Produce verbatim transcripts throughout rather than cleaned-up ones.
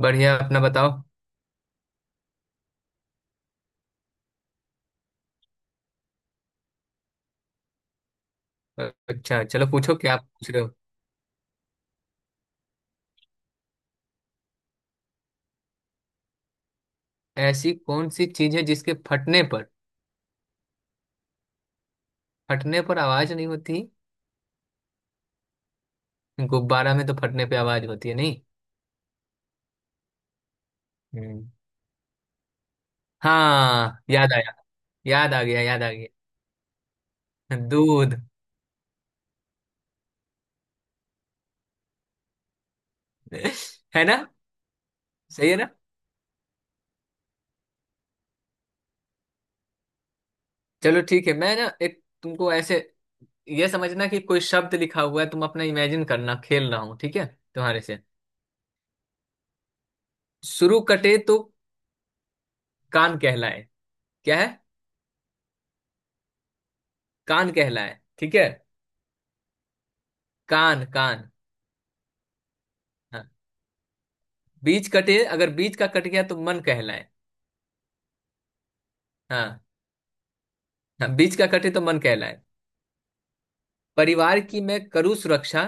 बढ़िया। अपना बताओ। अच्छा चलो पूछो। क्या पूछ रहे हो। ऐसी कौन सी चीज है जिसके फटने पर फटने पर आवाज नहीं होती। गुब्बारा में तो फटने पे आवाज होती है नहीं। हम्म। हाँ याद आया। याद आ गया, याद आ गया। दूध। है ना। सही है ना। चलो ठीक है, मैं ना एक तुमको ऐसे, ये समझना कि कोई शब्द लिखा हुआ है। तुम अपना इमेजिन करना, खेल रहा हूँ ठीक है। तुम्हारे से। शुरू कटे तो कान कहलाए। क्या है। कान कहलाए ठीक है। कान कान। हाँ। बीज कटे अगर बीज का कट गया तो मन कहलाए। हाँ। हाँ, बीज का कटे तो मन कहलाए। परिवार की मैं करूँ सुरक्षा।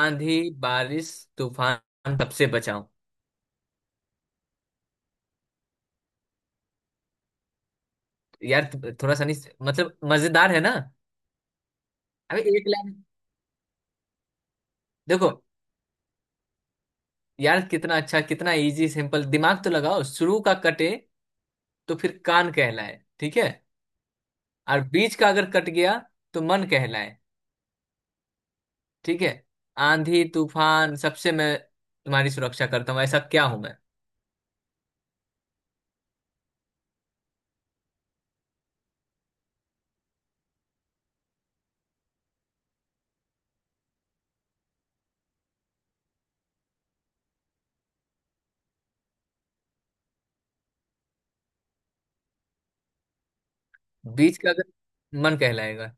आंधी बारिश तूफान सबसे बचाऊं। यार थोड़ा सा नहीं, मतलब मजेदार है ना। अबे एक लाइन। देखो यार कितना अच्छा, कितना इजी सिंपल। दिमाग तो लगाओ, शुरू का कटे तो फिर कान कहलाए ठीक है। और बीच का अगर कट गया तो मन कहलाए ठीक है। आंधी तूफान सबसे मैं तुम्हारी सुरक्षा करता हूँ, ऐसा क्या हूं मैं। बीच का अगर मन कहलाएगा।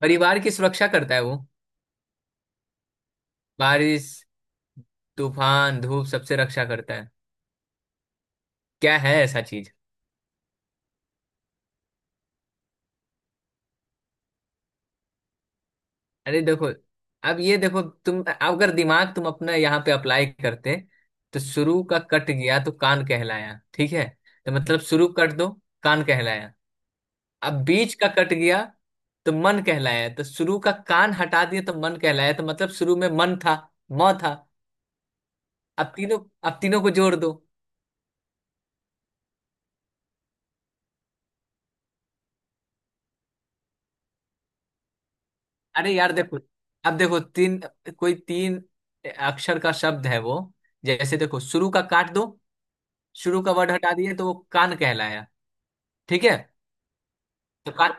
परिवार की सुरक्षा करता है वो। बारिश तूफान धूप सबसे रक्षा करता है। क्या है ऐसा चीज। अरे देखो। अब ये देखो, तुम अगर दिमाग तुम अपना यहाँ पे अप्लाई करते तो शुरू का कट गया तो कान कहलाया ठीक है। तो मतलब शुरू कट दो, कान कहलाया। अब बीच का कट गया तो मन कहलाया। तो शुरू का कान हटा दिया तो मन कहलाया। तो मतलब शुरू में मन था, म था। अब तीनों अब तीनों को जोड़ दो। अरे यार देखो। अब देखो तीन कोई तीन अक्षर का शब्द है वो। जैसे देखो शुरू का काट दो। शुरू का वर्ड हटा दिए तो वो कान कहलाया ठीक है। तो कान।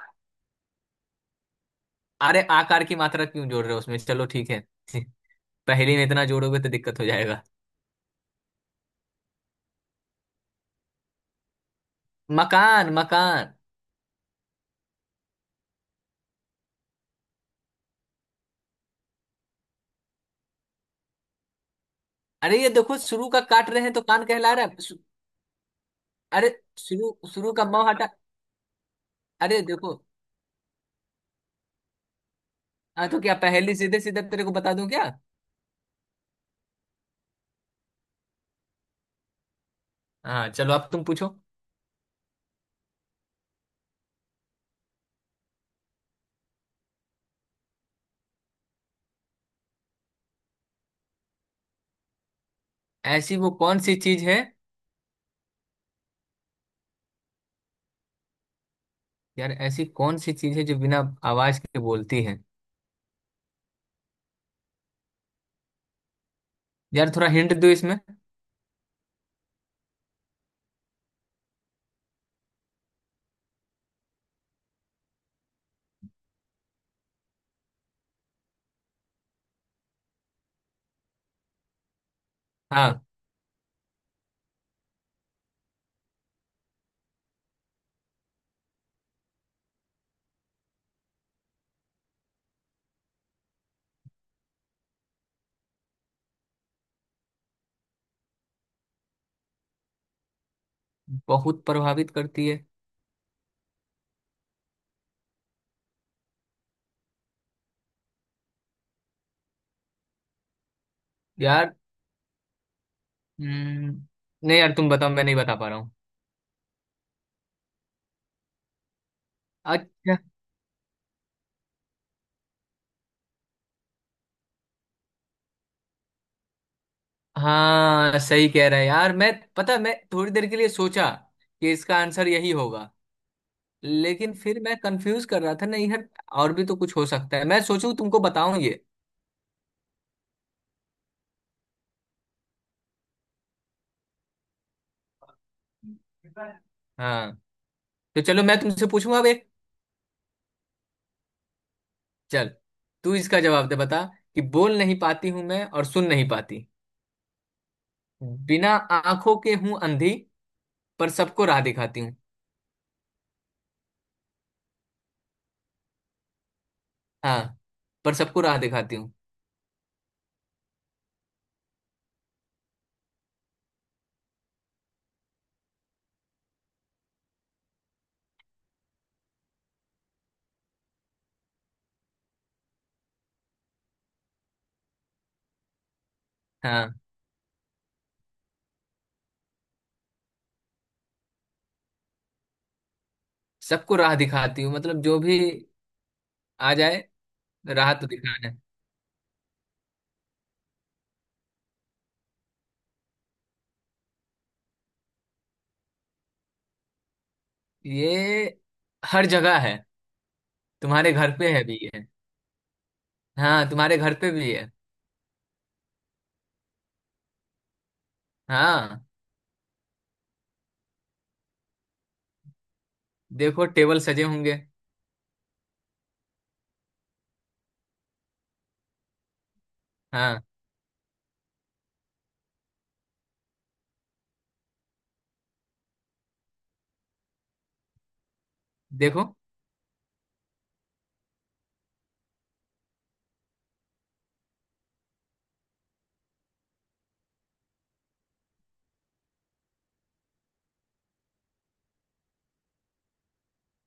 अरे आकार की मात्रा क्यों जोड़ रहे हो उसमें। चलो ठीक है पहेली में इतना जोड़ोगे तो दिक्कत हो जाएगा। मकान मकान। अरे ये देखो, शुरू का काट रहे हैं तो कान कहला रहा है। शु- अरे शुरू शुरू का म हटा। अरे देखो। हाँ तो क्या पहेली सीधे सीधे तेरे को बता दूं क्या। हाँ चलो, अब तुम पूछो। ऐसी वो कौन सी चीज है। यार ऐसी कौन सी चीज है जो बिना आवाज के बोलती है। यार थोड़ा हिंट दो इसमें। हाँ। बहुत प्रभावित करती है। यार हम्म। नहीं यार तुम बताओ, मैं नहीं बता पा रहा हूँ। अच्छा। हाँ सही कह रहा है यार। मैं पता, मैं थोड़ी देर के लिए सोचा कि इसका आंसर यही होगा। लेकिन फिर मैं कंफ्यूज कर रहा था। नहीं यार, और भी तो कुछ हो सकता है। मैं सोचूं तुमको बताऊं ये। हाँ। तो चलो मैं तुमसे पूछूंगा अब एक। चल, तू इसका जवाब दे, बता। कि बोल नहीं पाती हूं मैं और सुन नहीं पाती, बिना आंखों के हूं अंधी, पर सबको राह दिखाती हूँ। हाँ, पर सबको राह दिखाती हूँ। हाँ, सबको राह दिखाती हूँ मतलब जो भी आ जाए राह तो दिखाना है। ये हर जगह है। तुम्हारे घर पे है भी ये। हाँ, तुम्हारे घर पे भी है। हाँ देखो टेबल सजे होंगे। हाँ देखो।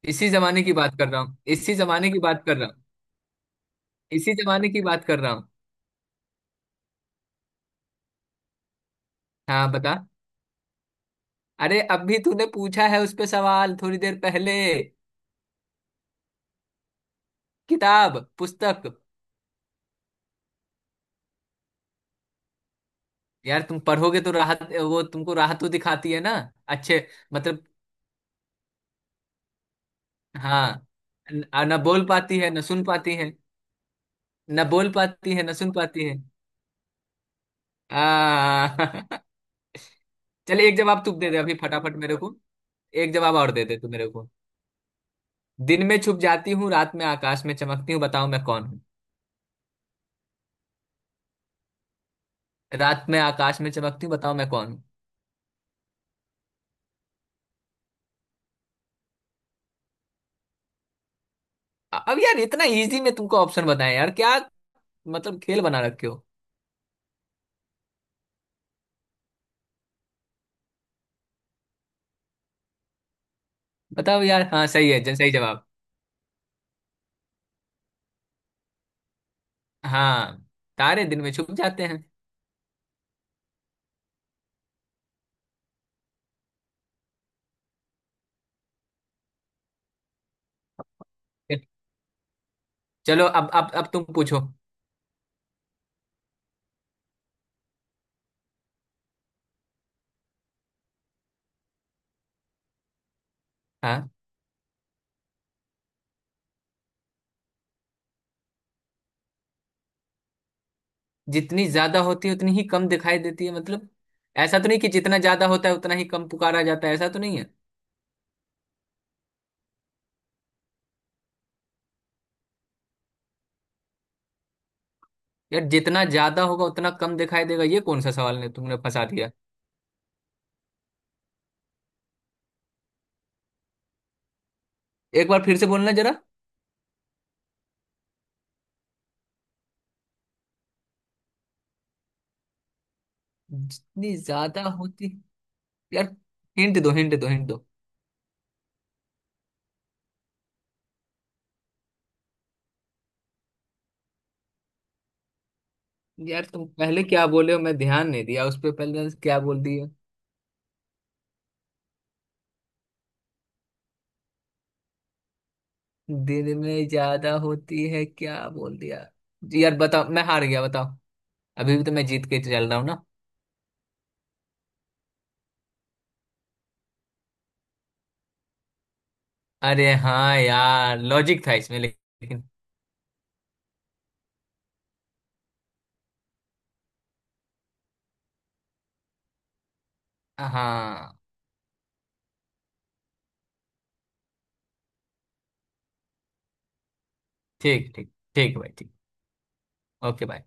इसी जमाने की बात कर रहा हूँ इसी जमाने की बात कर रहा हूँ इसी जमाने की बात कर रहा हूँ। हाँ बता। अरे अभी तूने पूछा है उस पे सवाल थोड़ी देर पहले। किताब, पुस्तक। यार तुम पढ़ोगे तो राहत वो तुमको राहत तो दिखाती है ना। अच्छे। मतलब। हाँ। न, न बोल पाती है न सुन पाती है। न बोल पाती है न सुन पाती है। आ चले एक जवाब तुम दे दे अभी फटाफट मेरे को। एक जवाब और दे दे तू मेरे को। दिन में छुप जाती हूँ, रात में आकाश में चमकती हूँ, बताओ मैं कौन हूँ। रात में आकाश में चमकती हूँ, बताओ मैं कौन हूँ। अब यार इतना इजी में तुमको ऑप्शन बताएं यार क्या। मतलब खेल बना रखे हो। बताओ यार। हाँ सही है। ज- सही जवाब। हाँ, तारे दिन में छुप जाते हैं। चलो अब अब अब तुम पूछो। हाँ। जितनी ज्यादा होती है उतनी ही कम दिखाई देती है मतलब। ऐसा तो नहीं कि जितना ज्यादा होता है उतना ही कम पुकारा जाता है, ऐसा तो नहीं है। यार जितना ज्यादा होगा उतना कम दिखाई देगा, ये कौन सा सवाल ने तुमने फंसा दिया। एक बार फिर से बोलना जरा। जितनी ज्यादा होती। यार हिंट दो, हिंट दो, हिंट दो। यार तुम पहले क्या बोले हो, मैं ध्यान नहीं दिया उस पर। पहले क्या बोल दिया। दिन में ज्यादा होती है क्या बोल दिया। जी यार बताओ, मैं हार गया, बताओ। अभी भी तो मैं जीत के चल रहा हूँ ना। अरे हाँ यार, लॉजिक था इसमें लेकिन। हाँ। ठीक, ठीक, ठीक भाई, ठीक। ओके भाई।